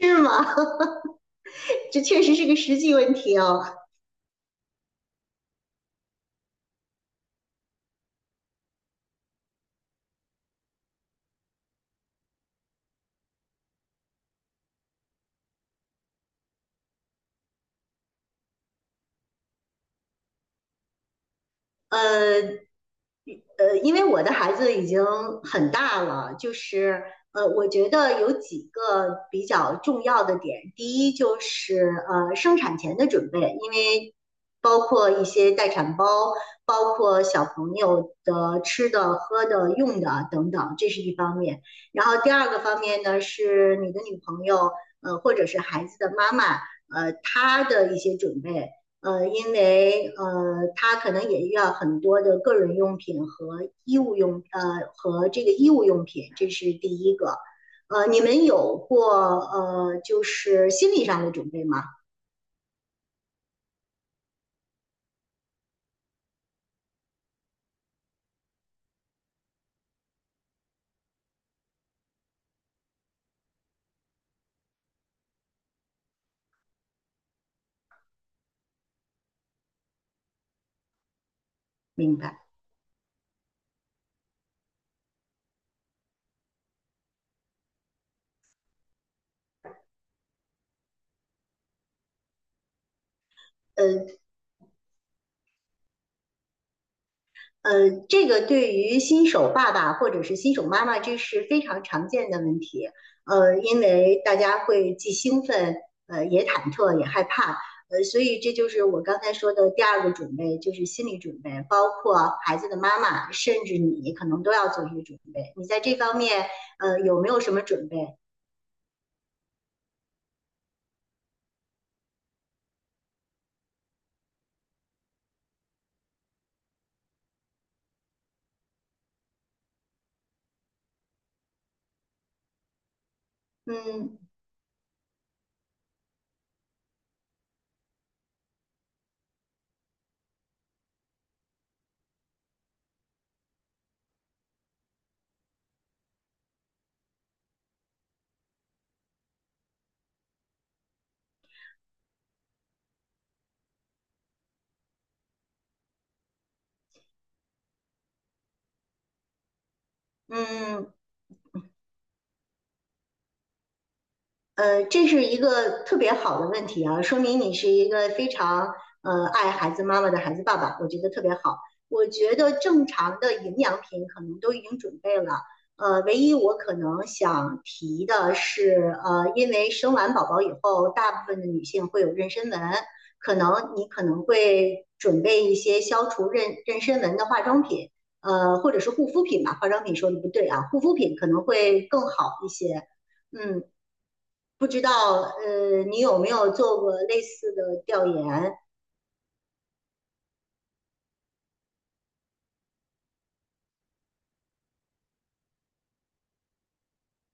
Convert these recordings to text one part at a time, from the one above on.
是吗？这确实是个实际问题哦。呃因为我的孩子已经很大了，就是我觉得有几个比较重要的点。第一就是生产前的准备，因为包括一些待产包，包括小朋友的吃的、喝的、用的等等，这是一方面。然后第二个方面呢，是你的女朋友或者是孩子的妈妈她的一些准备。他可能也要很多的个人用品和衣物用，和这个衣物用品，这是第一个。你们有过就是心理上的准备吗？明白。呃，这个对于新手爸爸或者是新手妈妈，这是非常常见的问题。因为大家会既兴奋，也忐忑，也害怕，所以这就是我刚才说的第二个准备，就是心理准备，包括孩子的妈妈，甚至你可能都要做一些准备。你在这方面，有没有什么准备？嗯嗯。这是一个特别好的问题啊，说明你是一个非常爱孩子妈妈的孩子爸爸，我觉得特别好。我觉得正常的营养品可能都已经准备了，唯一我可能想提的是，因为生完宝宝以后，大部分的女性会有妊娠纹，可能你可能会准备一些消除妊娠纹的化妆品，或者是护肤品吧，化妆品说的不对啊，护肤品可能会更好一些。嗯，不知道你有没有做过类似的调研？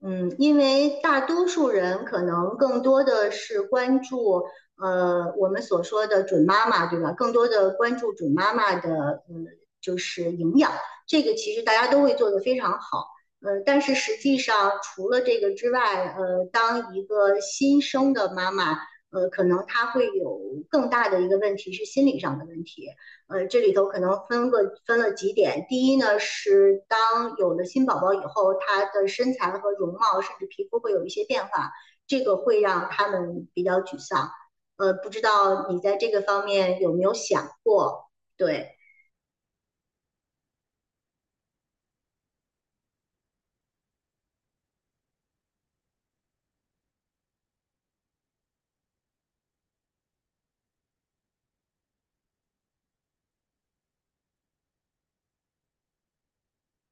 嗯，因为大多数人可能更多的是关注我们所说的准妈妈，对吧？更多的关注准妈妈的就是营养，这个其实大家都会做得非常好。但是实际上除了这个之外，当一个新生的妈妈，可能她会有更大的一个问题是心理上的问题。这里头可能分了几点。第一呢，是当有了新宝宝以后，他的身材和容貌，甚至皮肤会有一些变化，这个会让他们比较沮丧。不知道你在这个方面有没有想过？对，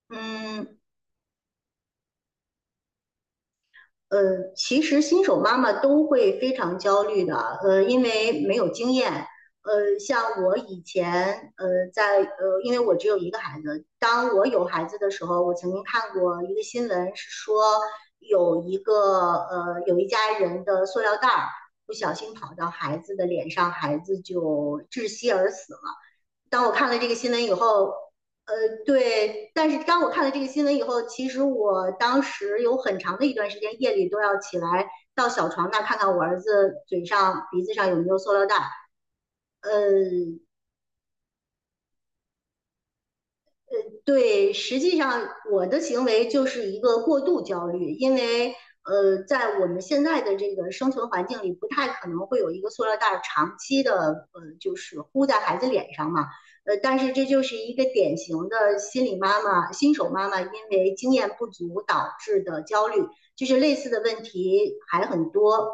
嗯，其实新手妈妈都会非常焦虑的，因为没有经验。像我以前，因为我只有一个孩子，当我有孩子的时候，我曾经看过一个新闻，是说有一个有一家人的塑料袋儿不小心跑到孩子的脸上，孩子就窒息而死了。当我看了这个新闻以后，呃，对，但是当我看了这个新闻以后，其实我当时有很长的一段时间夜里都要起来到小床那看看我儿子嘴上、鼻子上有没有塑料袋。呃，对，实际上我的行为就是一个过度焦虑，因为在我们现在的这个生存环境里，不太可能会有一个塑料袋长期的就是呼在孩子脸上嘛。但是这就是一个典型的心理妈妈、新手妈妈因为经验不足导致的焦虑，就是类似的问题还很多。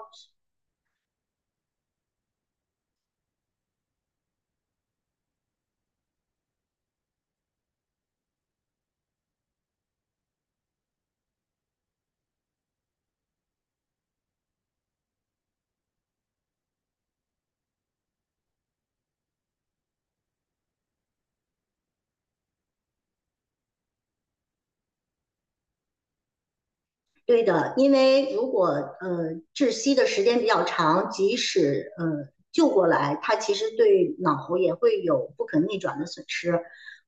对的，因为如果窒息的时间比较长，即使救过来，他其实对脑也会有不可逆转的损失。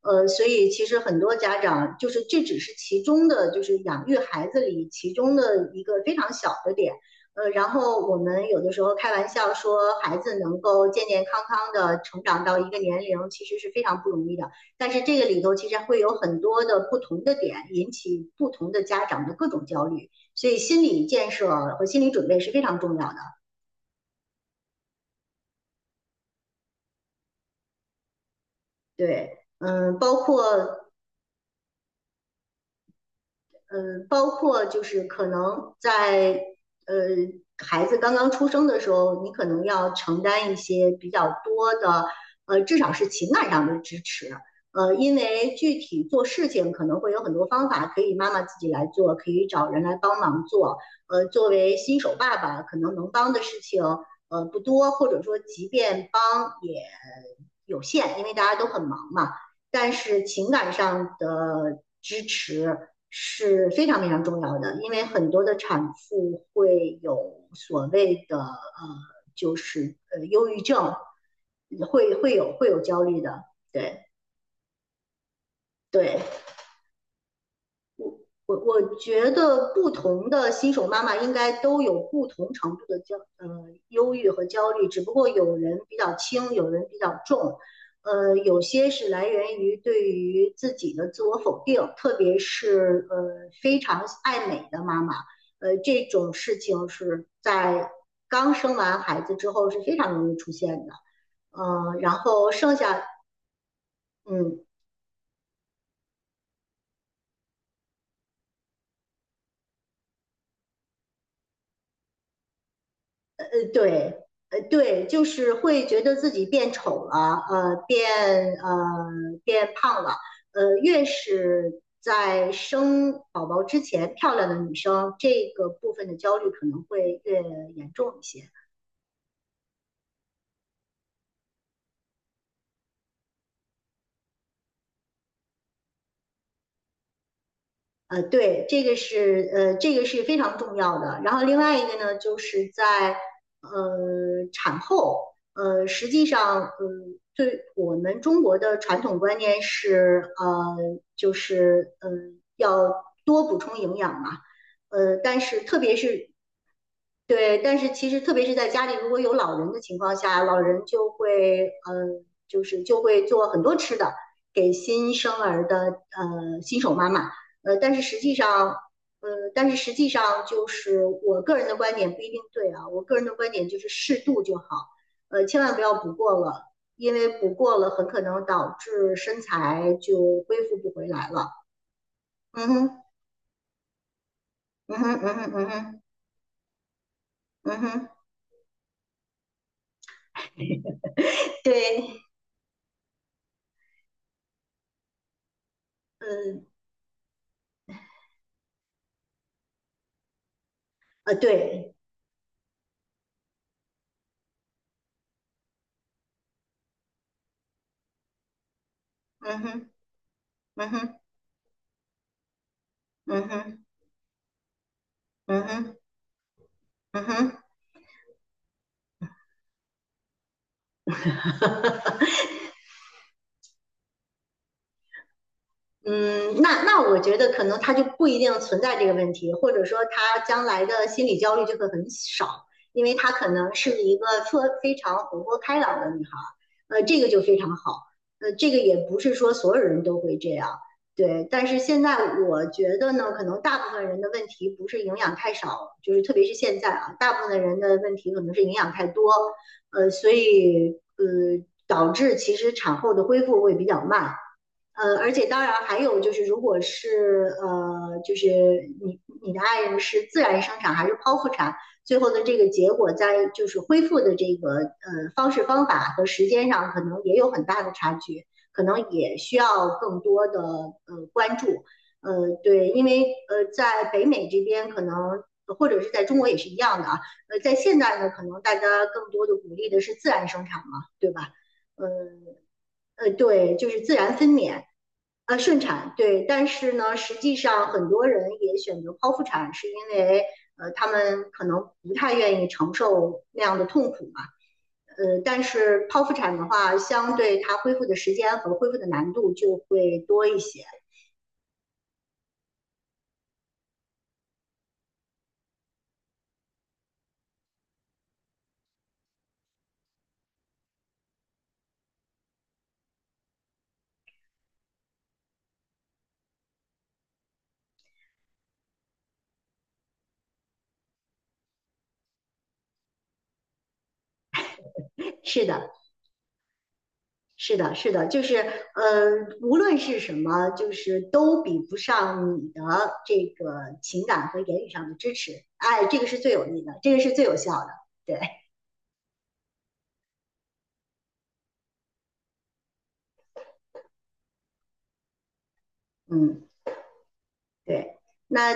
所以其实很多家长就是这只是其中的，就是养育孩子里其中的一个非常小的点。然后我们有的时候开玩笑说，孩子能够健健康康的成长到一个年龄，其实是非常不容易的。但是这个里头其实会有很多的不同的点，引起不同的家长的各种焦虑。所以心理建设和心理准备是非常重要的。对，嗯，包括嗯，包括就是可能在呃孩子刚刚出生的时候，你可能要承担一些比较多的，至少是情感上的支持。因为具体做事情可能会有很多方法，可以妈妈自己来做，可以找人来帮忙做。作为新手爸爸，可能能帮的事情不多，或者说即便帮也有限，因为大家都很忙嘛。但是情感上的支持是非常非常重要的，因为很多的产妇会有所谓的就是忧郁症，会有焦虑的，对对，我觉得不同的新手妈妈应该都有不同程度的忧郁和焦虑，只不过有人比较轻，有人比较重，有些是来源于对于自己的自我否定，特别是非常爱美的妈妈，这种事情是在刚生完孩子之后是非常容易出现的，然后剩下嗯对，对，就是会觉得自己变丑了，呃变胖了，越是在生宝宝之前漂亮的女生，这个部分的焦虑可能会越严重一些。对，这个是这个是非常重要的。然后另外一个呢，就是在产后，呃，实际上，呃，对我们中国的传统观念是，就是呃要多补充营养嘛，但是特别是对，但是其实特别是在家里，如果有老人的情况下，老人就会，嗯、就是就会做很多吃的给新生儿的新手妈妈，呃，但是实际上，呃，但是实际上就是我个人的观点不一定对啊，我个人的观点就是适度就好，千万不要补过了，因为补过了很可能导致身材就恢复不回来了。嗯哼。嗯哼。嗯哼。嗯哼。嗯哼。对。嗯。对。嗯哼。嗯哼。嗯哼。嗯哼。嗯哼。嗯，那我觉得可能她就不一定存在这个问题，或者说她将来的心理焦虑就会很少，因为她可能是一个特非常活泼开朗的女孩这个就非常好，这个也不是说所有人都会这样，对。但是现在我觉得呢，可能大部分人的问题不是营养太少，就是特别是现在啊，大部分人的问题可能是营养太多，导致其实产后的恢复会比较慢。而且当然还有就是，如果是就是你的爱人是自然生产还是剖腹产，最后的这个结果在就是恢复的这个方式方法和时间上，可能也有很大的差距，可能也需要更多的关注。对，因为在北美这边可能。或者是在中国也是一样的啊，在现在呢，可能大家更多的鼓励的是自然生产嘛，对吧？嗯，对，就是自然分娩，顺产，对。但是呢，实际上很多人也选择剖腹产，是因为他们可能不太愿意承受那样的痛苦嘛。但是剖腹产的话，相对它恢复的时间和恢复的难度就会多一些。是的，是的，是的，就是无论是什么，就是都比不上你的这个情感和言语上的支持。哎，这个是最有益的，这个是最有效的。对，嗯。对，那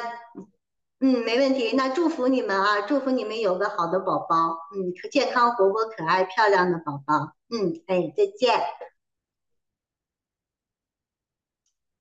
嗯，没问题。那祝福你们啊，祝福你们有个好的宝宝，嗯，健康、活泼、可爱、漂亮的宝宝。嗯，哎，再见。